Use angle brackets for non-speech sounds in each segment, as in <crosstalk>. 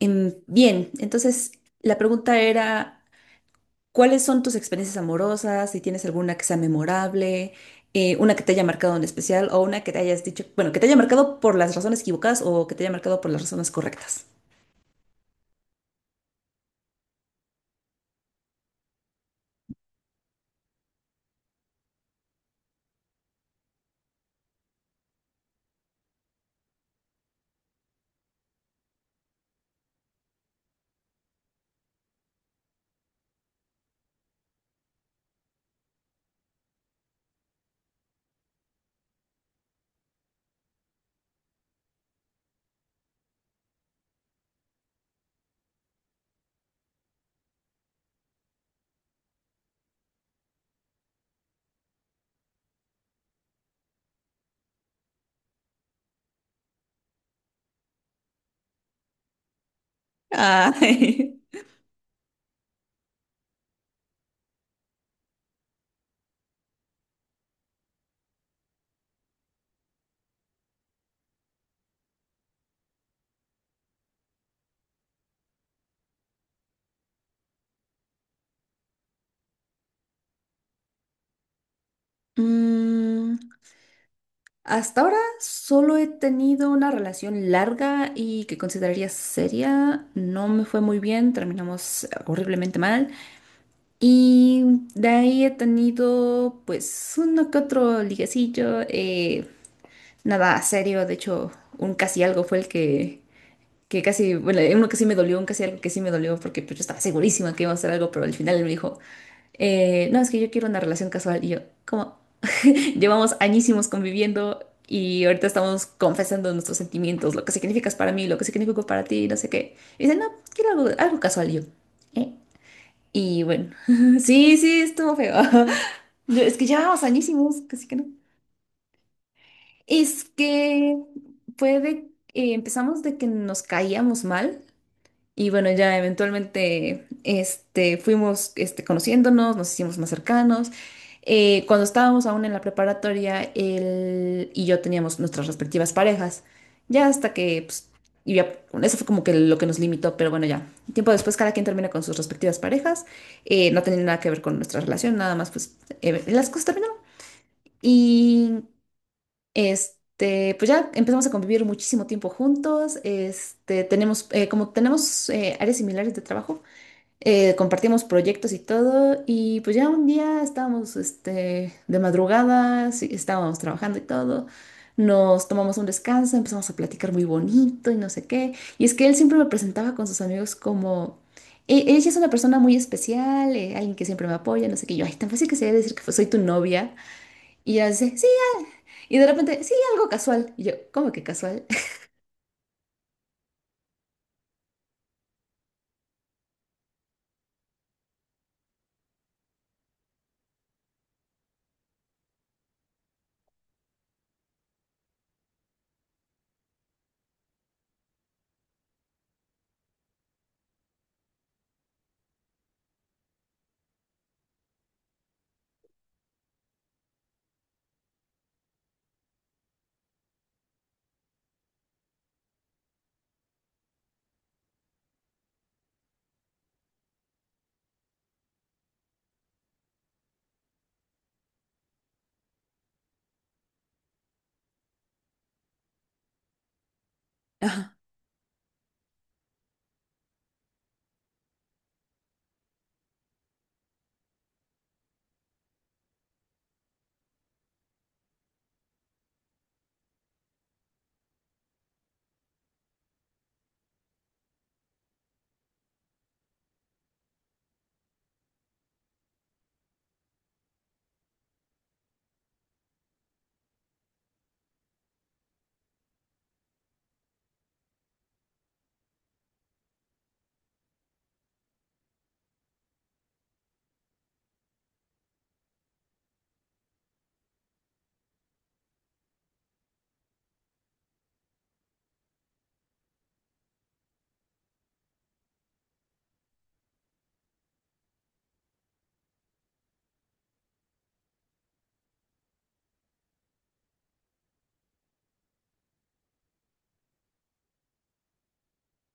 Bien, entonces la pregunta era, ¿cuáles son tus experiencias amorosas? Si tienes alguna que sea memorable, una que te haya marcado en especial o una que te hayas dicho, bueno, que te haya marcado por las razones equivocadas o que te haya marcado por las razones correctas. Ah, <laughs> mm, hasta ahora solo he tenido una relación larga y que consideraría seria. No me fue muy bien, terminamos horriblemente mal. Y de ahí he tenido pues uno que otro liguecillo, nada serio, de hecho un casi algo fue el que casi, bueno, uno que sí me dolió, un casi algo que sí me dolió porque pues, yo estaba segurísima que iba a hacer algo, pero al final él me dijo, no, es que yo quiero una relación casual y yo, ¿cómo? <laughs> Llevamos añísimos conviviendo y ahorita estamos confesando nuestros sentimientos, lo que significas para mí, lo que significó para ti, no sé qué. Y dice, no, quiero algo, algo casual y yo, ¿eh? Y bueno, <laughs> sí, sí, estuvo feo. <laughs> No, es que llevamos añísimos, casi que no. Es que fue de, empezamos de que nos caíamos mal y bueno, ya eventualmente este, fuimos este, conociéndonos, nos hicimos más cercanos. Cuando estábamos aún en la preparatoria, él y yo teníamos nuestras respectivas parejas, ya hasta que, pues, y ya, bueno, eso fue como que lo que nos limitó, pero bueno, ya. Tiempo después cada quien termina con sus respectivas parejas, no tenía nada que ver con nuestra relación, nada más, pues, las cosas terminaron. Y este, pues ya empezamos a convivir muchísimo tiempo juntos. Este, tenemos, como tenemos áreas similares de trabajo, compartimos proyectos y todo. Y pues ya un día estábamos este, de madrugada, sí, estábamos trabajando y todo. Nos tomamos un descanso, empezamos a platicar muy bonito y no sé qué. Y es que él siempre me presentaba con sus amigos como. Ella sí es una persona muy especial, alguien que siempre me apoya, no sé qué. Y yo, ay, tan fácil que sería decir que soy tu novia. Y ella dice, sí, y de repente, sí, algo casual. Y yo, ¿cómo que casual? <laughs> Ajá.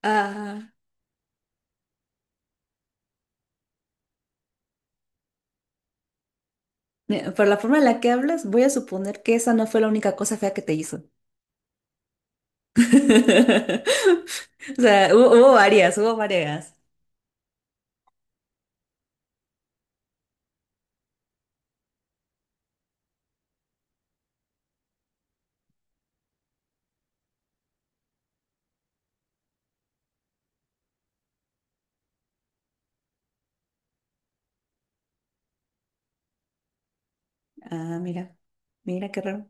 Ah, mira, por la forma en la que hablas, voy a suponer que esa no fue la única cosa fea que te hizo. <laughs> O sea, hubo, varias, hubo varias. Ah, mira, mira qué raro.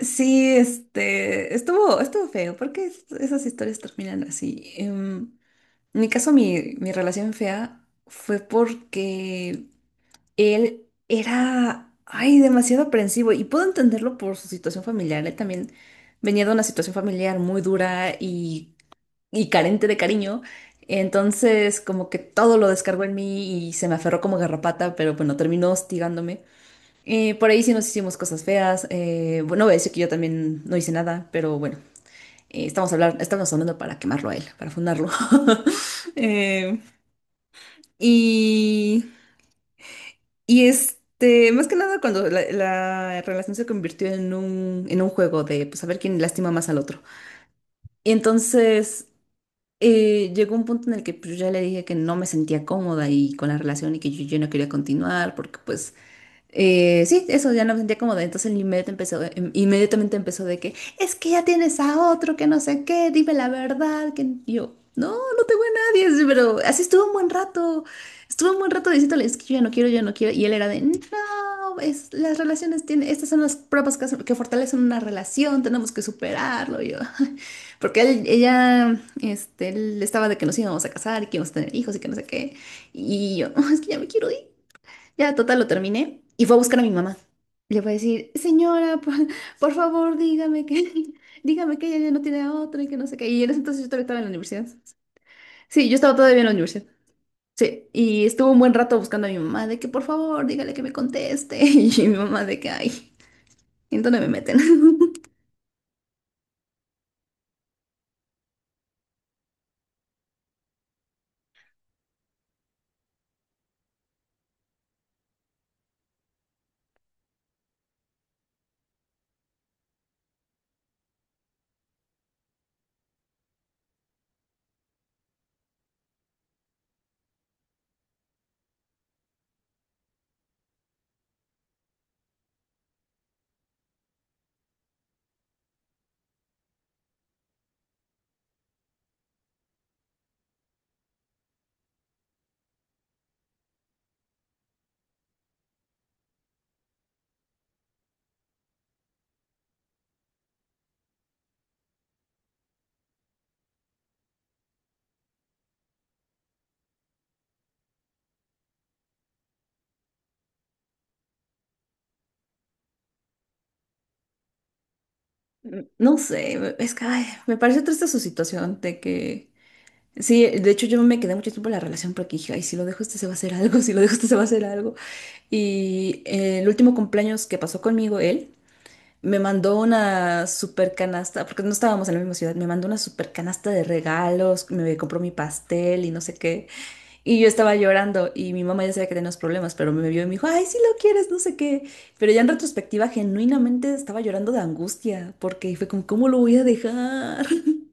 Sí, este, estuvo, estuvo feo. ¿Por qué esas historias terminan así? En mi caso, mi relación fea fue porque él era, ay, demasiado aprensivo y puedo entenderlo por su situación familiar. Él también venía de una situación familiar muy dura y carente de cariño. Entonces, como que todo lo descargó en mí y se me aferró como garrapata, pero bueno, terminó hostigándome. Por ahí sí nos hicimos cosas feas. Bueno, voy a decir que yo también no hice nada, pero bueno, estamos hablando para quemarlo a él, para fundarlo. <laughs> Eh, y Y este, más que nada cuando la relación se convirtió en un juego de pues a ver quién lastima más al otro. Y entonces llegó un punto en el que pues, yo ya le dije que no me sentía cómoda y con la relación y que yo no quería continuar porque pues sí, eso ya no me sentía cómoda. Entonces inmediatamente empezó, inmediatamente empezó de que es que ya tienes a otro, que no sé qué, dime la verdad. Que... y yo, no, no tengo a nadie. Sí, pero así estuvo un buen rato. Estuvo un buen rato diciéndole, es que yo ya no quiero, yo ya no quiero. Y él era de, no, es, las relaciones tienen, estas son las pruebas que fortalecen una relación, tenemos que superarlo. Y yo, porque él estaba de que nos íbamos a casar y que íbamos a tener hijos y que no sé qué. Y yo, "Oh, es que ya me quiero ir. Ya, total, lo terminé y fue a buscar a mi mamá. Le fue a decir, señora, por favor, dígame que, <laughs> dígame que ella ya no tiene a otro y que no sé qué. Y en ese entonces yo todavía estaba en la universidad. Sí, yo estaba todavía en la universidad. Sí, y estuve un buen rato buscando a mi mamá de que por favor, dígale que me conteste. <laughs> Y mi mamá de que, ay, ¿en dónde me meten? <laughs> No sé, es que ay, me pareció triste su situación de que sí, de hecho yo me quedé mucho tiempo en la relación porque dije, ay, si lo dejo este se va a hacer algo, si lo dejo este se va a hacer algo. Y el último cumpleaños que pasó conmigo, él me mandó una super canasta, porque no estábamos en la misma ciudad, me mandó una super canasta de regalos, me compró mi pastel y no sé qué. Y yo estaba llorando y mi mamá ya sabía que tenía unos problemas, pero me vio y me dijo, ay, si lo quieres, no sé qué. Pero ya en retrospectiva, genuinamente estaba llorando de angustia porque fue como, ¿cómo lo voy a dejar? <laughs>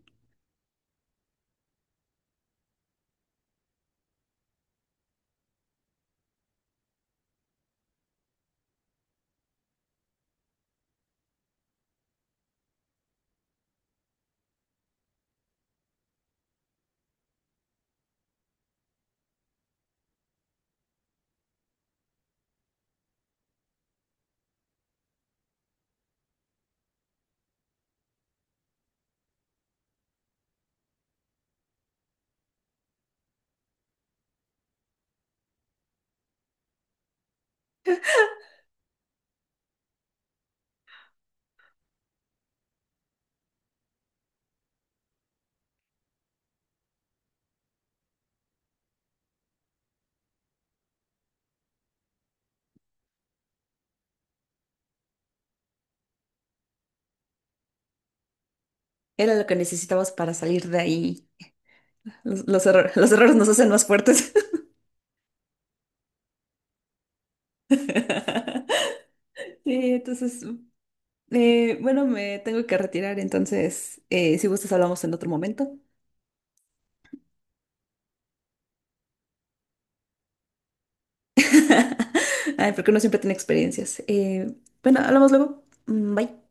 Era lo que necesitabas para salir de ahí. Los errores nos hacen más fuertes. <laughs> Sí, entonces, bueno, me tengo que retirar, entonces, si gustas, hablamos en otro momento. <laughs> Ay, porque uno siempre tiene experiencias. Bueno, hablamos luego. Mm, bye.